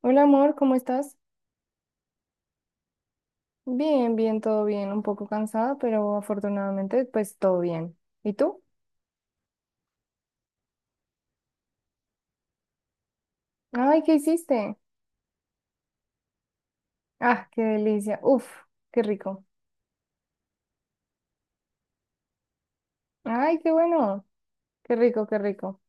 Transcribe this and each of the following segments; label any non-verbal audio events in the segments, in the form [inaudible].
Hola amor, ¿cómo estás? Bien, bien, todo bien, un poco cansada, pero afortunadamente pues todo bien. ¿Y tú? Ay, ¿qué hiciste? Ah, qué delicia. Uf, qué rico. Ay, qué bueno. Qué rico, qué rico.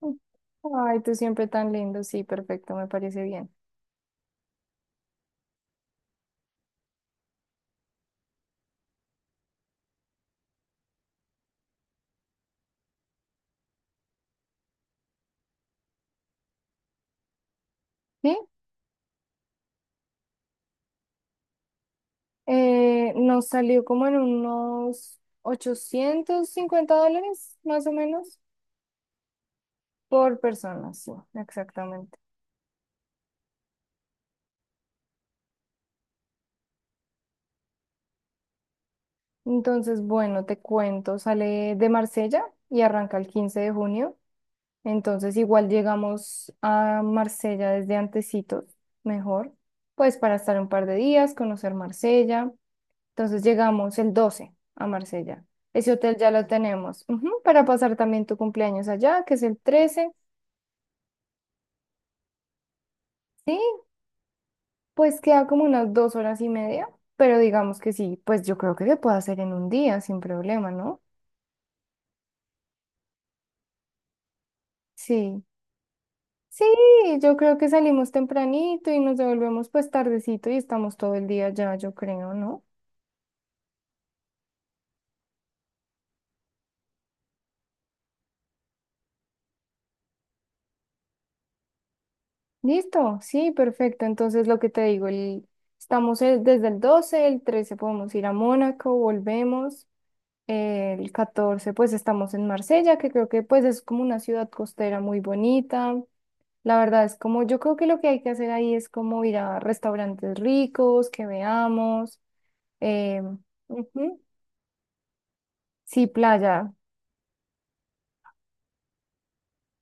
Mm. Ay, tú siempre tan lindo. Sí, perfecto, me parece bien. Sí, nos salió como en unos $850, más o menos, por persona. Sí, exactamente. Entonces, bueno, te cuento, sale de Marsella y arranca el 15 de junio. Entonces, igual llegamos a Marsella desde antecitos, mejor, pues para estar un par de días, conocer Marsella. Entonces, llegamos el 12 a Marsella. Ese hotel ya lo tenemos, ujú, para pasar también tu cumpleaños allá, que es el 13. Sí, pues queda como unas 2 horas y media, pero digamos que sí, pues yo creo que se puede hacer en un día sin problema, ¿no? Sí. Sí, yo creo que salimos tempranito y nos devolvemos pues tardecito y estamos todo el día ya, yo creo, ¿no? Listo, sí, perfecto. Entonces lo que te digo, estamos desde el 12, el 13 podemos ir a Mónaco, volvemos. El 14, pues estamos en Marsella, que creo que pues es como una ciudad costera muy bonita. La verdad es como, yo creo que lo que hay que hacer ahí es como ir a restaurantes ricos, que veamos. em, ujú. Sí, playa.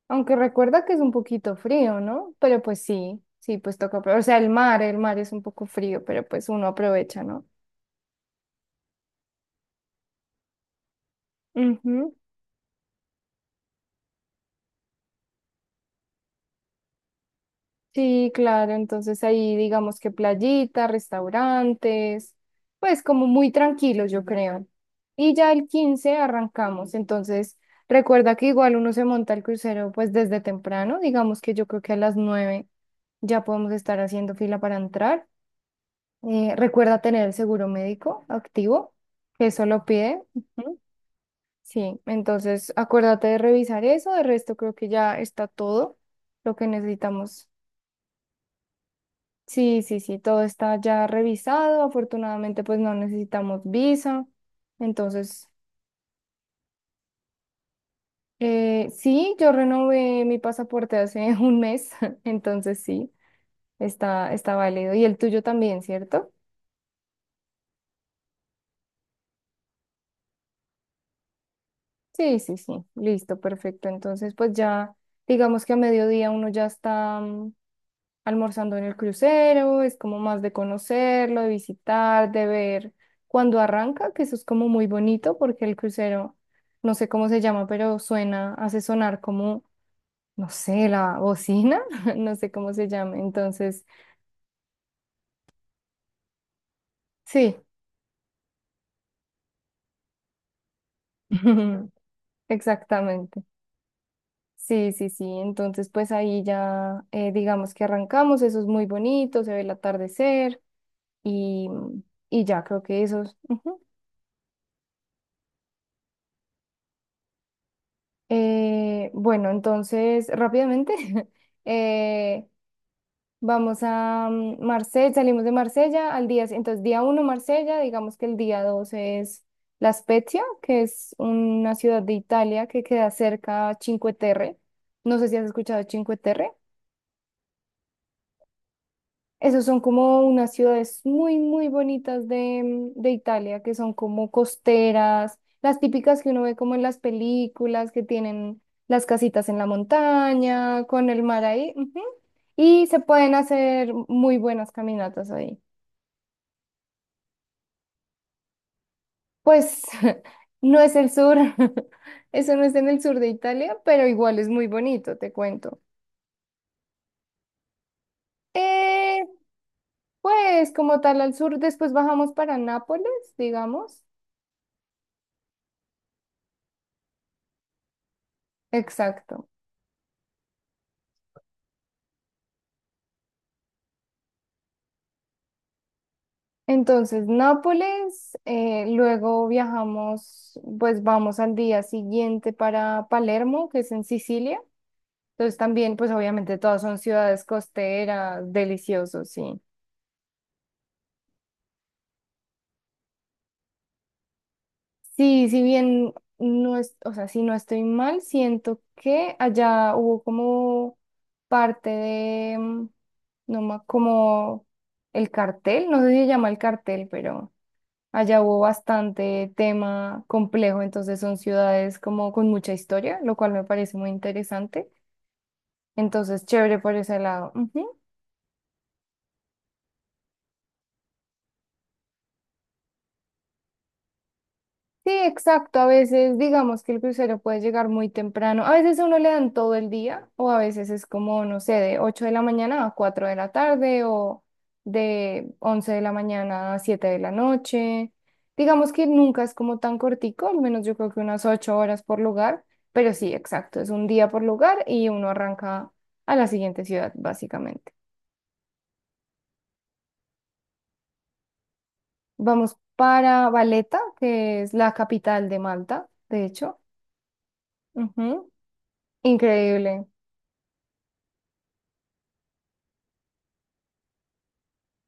Aunque recuerda que es un poquito frío, ¿no? Pero pues sí, sí, pues toca aprovechar. O sea, el mar es un poco frío, pero pues uno aprovecha, ¿no? Ujú. Sí, claro, entonces ahí digamos que playita, restaurantes, pues como muy tranquilos, yo creo. Y ya el 15 arrancamos, entonces recuerda que igual uno se monta el crucero pues desde temprano, digamos que yo creo que a las 9 ya podemos estar haciendo fila para entrar. Recuerda tener el seguro médico activo, que eso lo pide. Ujú. Sí, entonces acuérdate de revisar eso. De resto, creo que ya está todo lo que necesitamos. Sí, sí, sí, todo está ya revisado. Afortunadamente, pues no necesitamos visa. Entonces, sí, yo renové mi pasaporte hace [laughs] un mes. [laughs] Entonces, sí, está, está válido. Y el tuyo también, ¿cierto? Sí, sí, sí, listo, perfecto. Entonces, pues ya, digamos que a mediodía uno ya está almorzando en el crucero, es como más de conocerlo, de visitar, de ver cuando arranca, que eso es como muy bonito porque el crucero, no sé cómo se llama, pero suena, hace sonar como, no sé, la bocina, [laughs] no sé cómo se llama. Entonces, sí, [laughs] exactamente. Sí, sí, sí. Entonces, pues ahí ya, digamos que arrancamos, eso es muy bonito, se ve el atardecer. y, y ya creo que esos. Ujú. Bueno, entonces rápidamente [laughs] eh, vamos a Marsella, salimos de Marsella al día, entonces día uno Marsella, digamos que el día 2 es La Spezia, que es una ciudad de Italia que queda cerca a Cinque Terre. No sé si has escuchado Cinque Terre. Esos son como unas ciudades muy, muy bonitas de Italia, que son como costeras, las típicas que uno ve como en las películas, que tienen las casitas en la montaña, con el mar ahí. Ujú. Y se pueden hacer muy buenas caminatas ahí. Pues [laughs] no es el sur, [laughs] eso no es en el sur de Italia, pero igual es muy bonito, te cuento. Eh, pues como tal al sur, después bajamos para Nápoles, digamos. Exacto. Entonces, Nápoles, luego viajamos, pues vamos al día siguiente para Palermo, que es en Sicilia. Entonces también, pues obviamente todas son ciudades costeras, deliciosos, sí. Sí, si bien no es, o sea, si no estoy mal, siento que allá hubo como parte de, no ma- como el cartel, no sé si se llama el cartel, pero... Allá hubo bastante tema complejo, entonces son ciudades como con mucha historia, lo cual me parece muy interesante. Entonces, chévere por ese lado. Ujú. Sí, exacto. A veces digamos que el crucero puede llegar muy temprano. A veces a uno le dan todo el día o a veces es como, no sé, de 8 de la mañana a 4 de la tarde o de 11 de la mañana a 7 de la noche. Digamos que nunca es como tan cortico, al menos yo creo que unas 8 horas por lugar, pero sí, exacto. Es un día por lugar y uno arranca a la siguiente ciudad, básicamente. Vamos para Valeta, que es la capital de Malta, de hecho. Ujú. Increíble.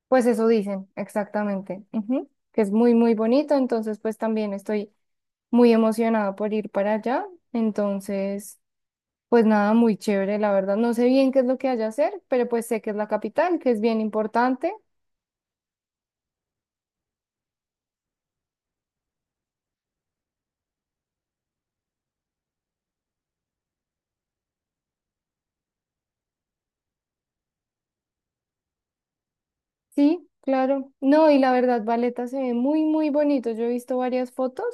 Pues eso dicen, exactamente. Ujú. Que es muy, muy bonito. Entonces, pues también estoy muy emocionada por ir para allá. Entonces, pues nada, muy chévere, la verdad. No sé bien qué es lo que haya hacer, pero pues sé que es la capital, que es bien importante. Sí, claro. No, y la verdad, Valeta se ve muy, muy bonito. Yo he visto varias fotos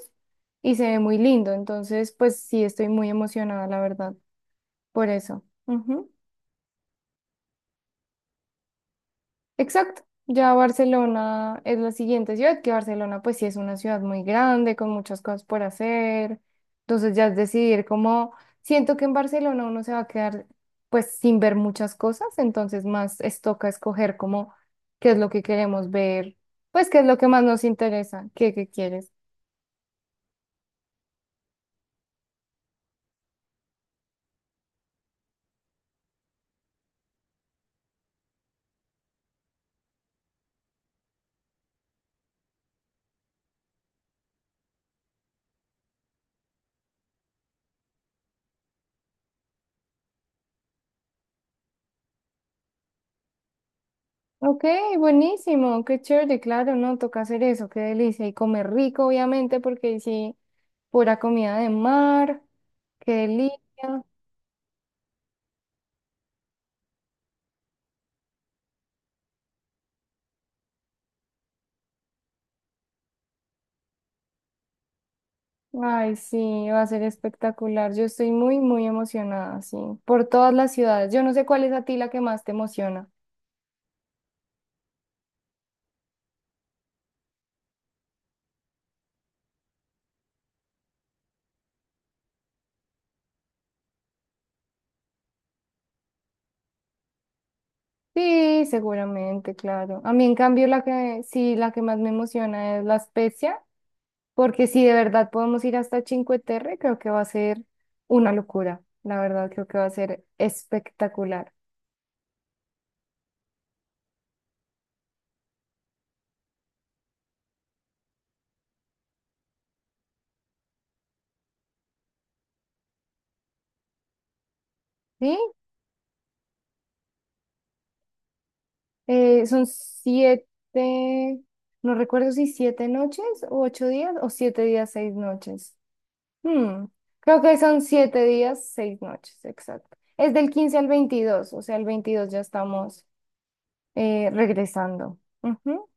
y se ve muy lindo. Entonces, pues sí, estoy muy emocionada, la verdad, por eso. Ujú. Exacto. Ya Barcelona es la siguiente ciudad, que Barcelona pues sí es una ciudad muy grande, con muchas cosas por hacer. Entonces ya es decidir cómo, siento que en Barcelona uno se va a quedar pues sin ver muchas cosas, entonces más es toca escoger como qué es lo que queremos ver, pues qué es lo que más nos interesa, qué, qué quieres. Ok, buenísimo, qué chévere, claro, no, toca hacer eso, qué delicia. Y comer rico, obviamente, porque ahí sí, pura comida de mar, qué delicia. Ay, sí, va a ser espectacular. Yo estoy muy, muy emocionada, sí, por todas las ciudades. Yo no sé cuál es a ti la que más te emociona. Sí, seguramente, claro. A mí, en cambio, la que sí, la que más me emociona es La Spezia, porque si de verdad podemos ir hasta Cinque Terre, creo que va a ser una locura. La verdad, creo que va a ser espectacular. Sí. Son siete, no recuerdo si 7 noches o 8 días o 7 días, 6 noches. Hmm, Creo que son 7 días, 6 noches, exacto. Es del 15 al 22 o sea, el 22 ya estamos regresando. Ujú.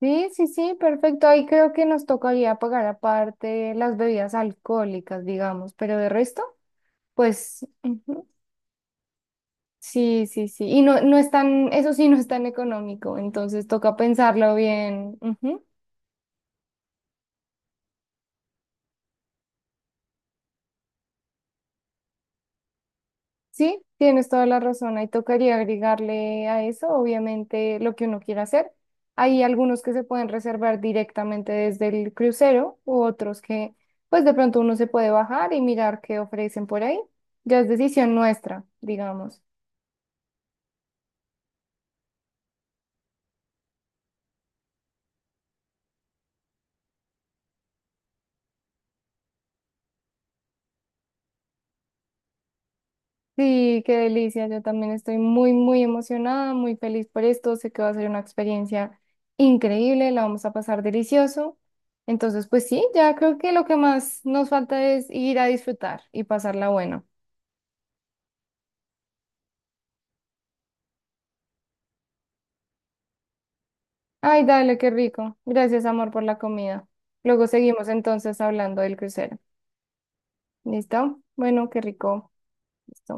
Sí, sí, sí, perfecto. Ahí creo que nos tocaría pagar aparte las bebidas alcohólicas, digamos, pero de resto, pues ujú. Sí, sí, sí. Y no, no es tan, eso sí no es tan económico, entonces toca pensarlo bien. Ujú. Sí, tienes toda la razón. Ahí tocaría agregarle a eso, obviamente, lo que uno quiera hacer. Hay algunos que se pueden reservar directamente desde el crucero u otros que, pues de pronto uno se puede bajar y mirar qué ofrecen por ahí. Ya es decisión nuestra, digamos. Sí, qué delicia. Yo también estoy muy, muy emocionada, muy feliz por esto. Sé que va a ser una experiencia increíble, la vamos a pasar delicioso. Entonces, pues sí, ya creo que lo que más nos falta es ir a disfrutar y pasarla bueno. Ay, dale, qué rico. Gracias, amor, por la comida. Luego seguimos entonces hablando del crucero. ¿Listo? Bueno, qué rico. Listo.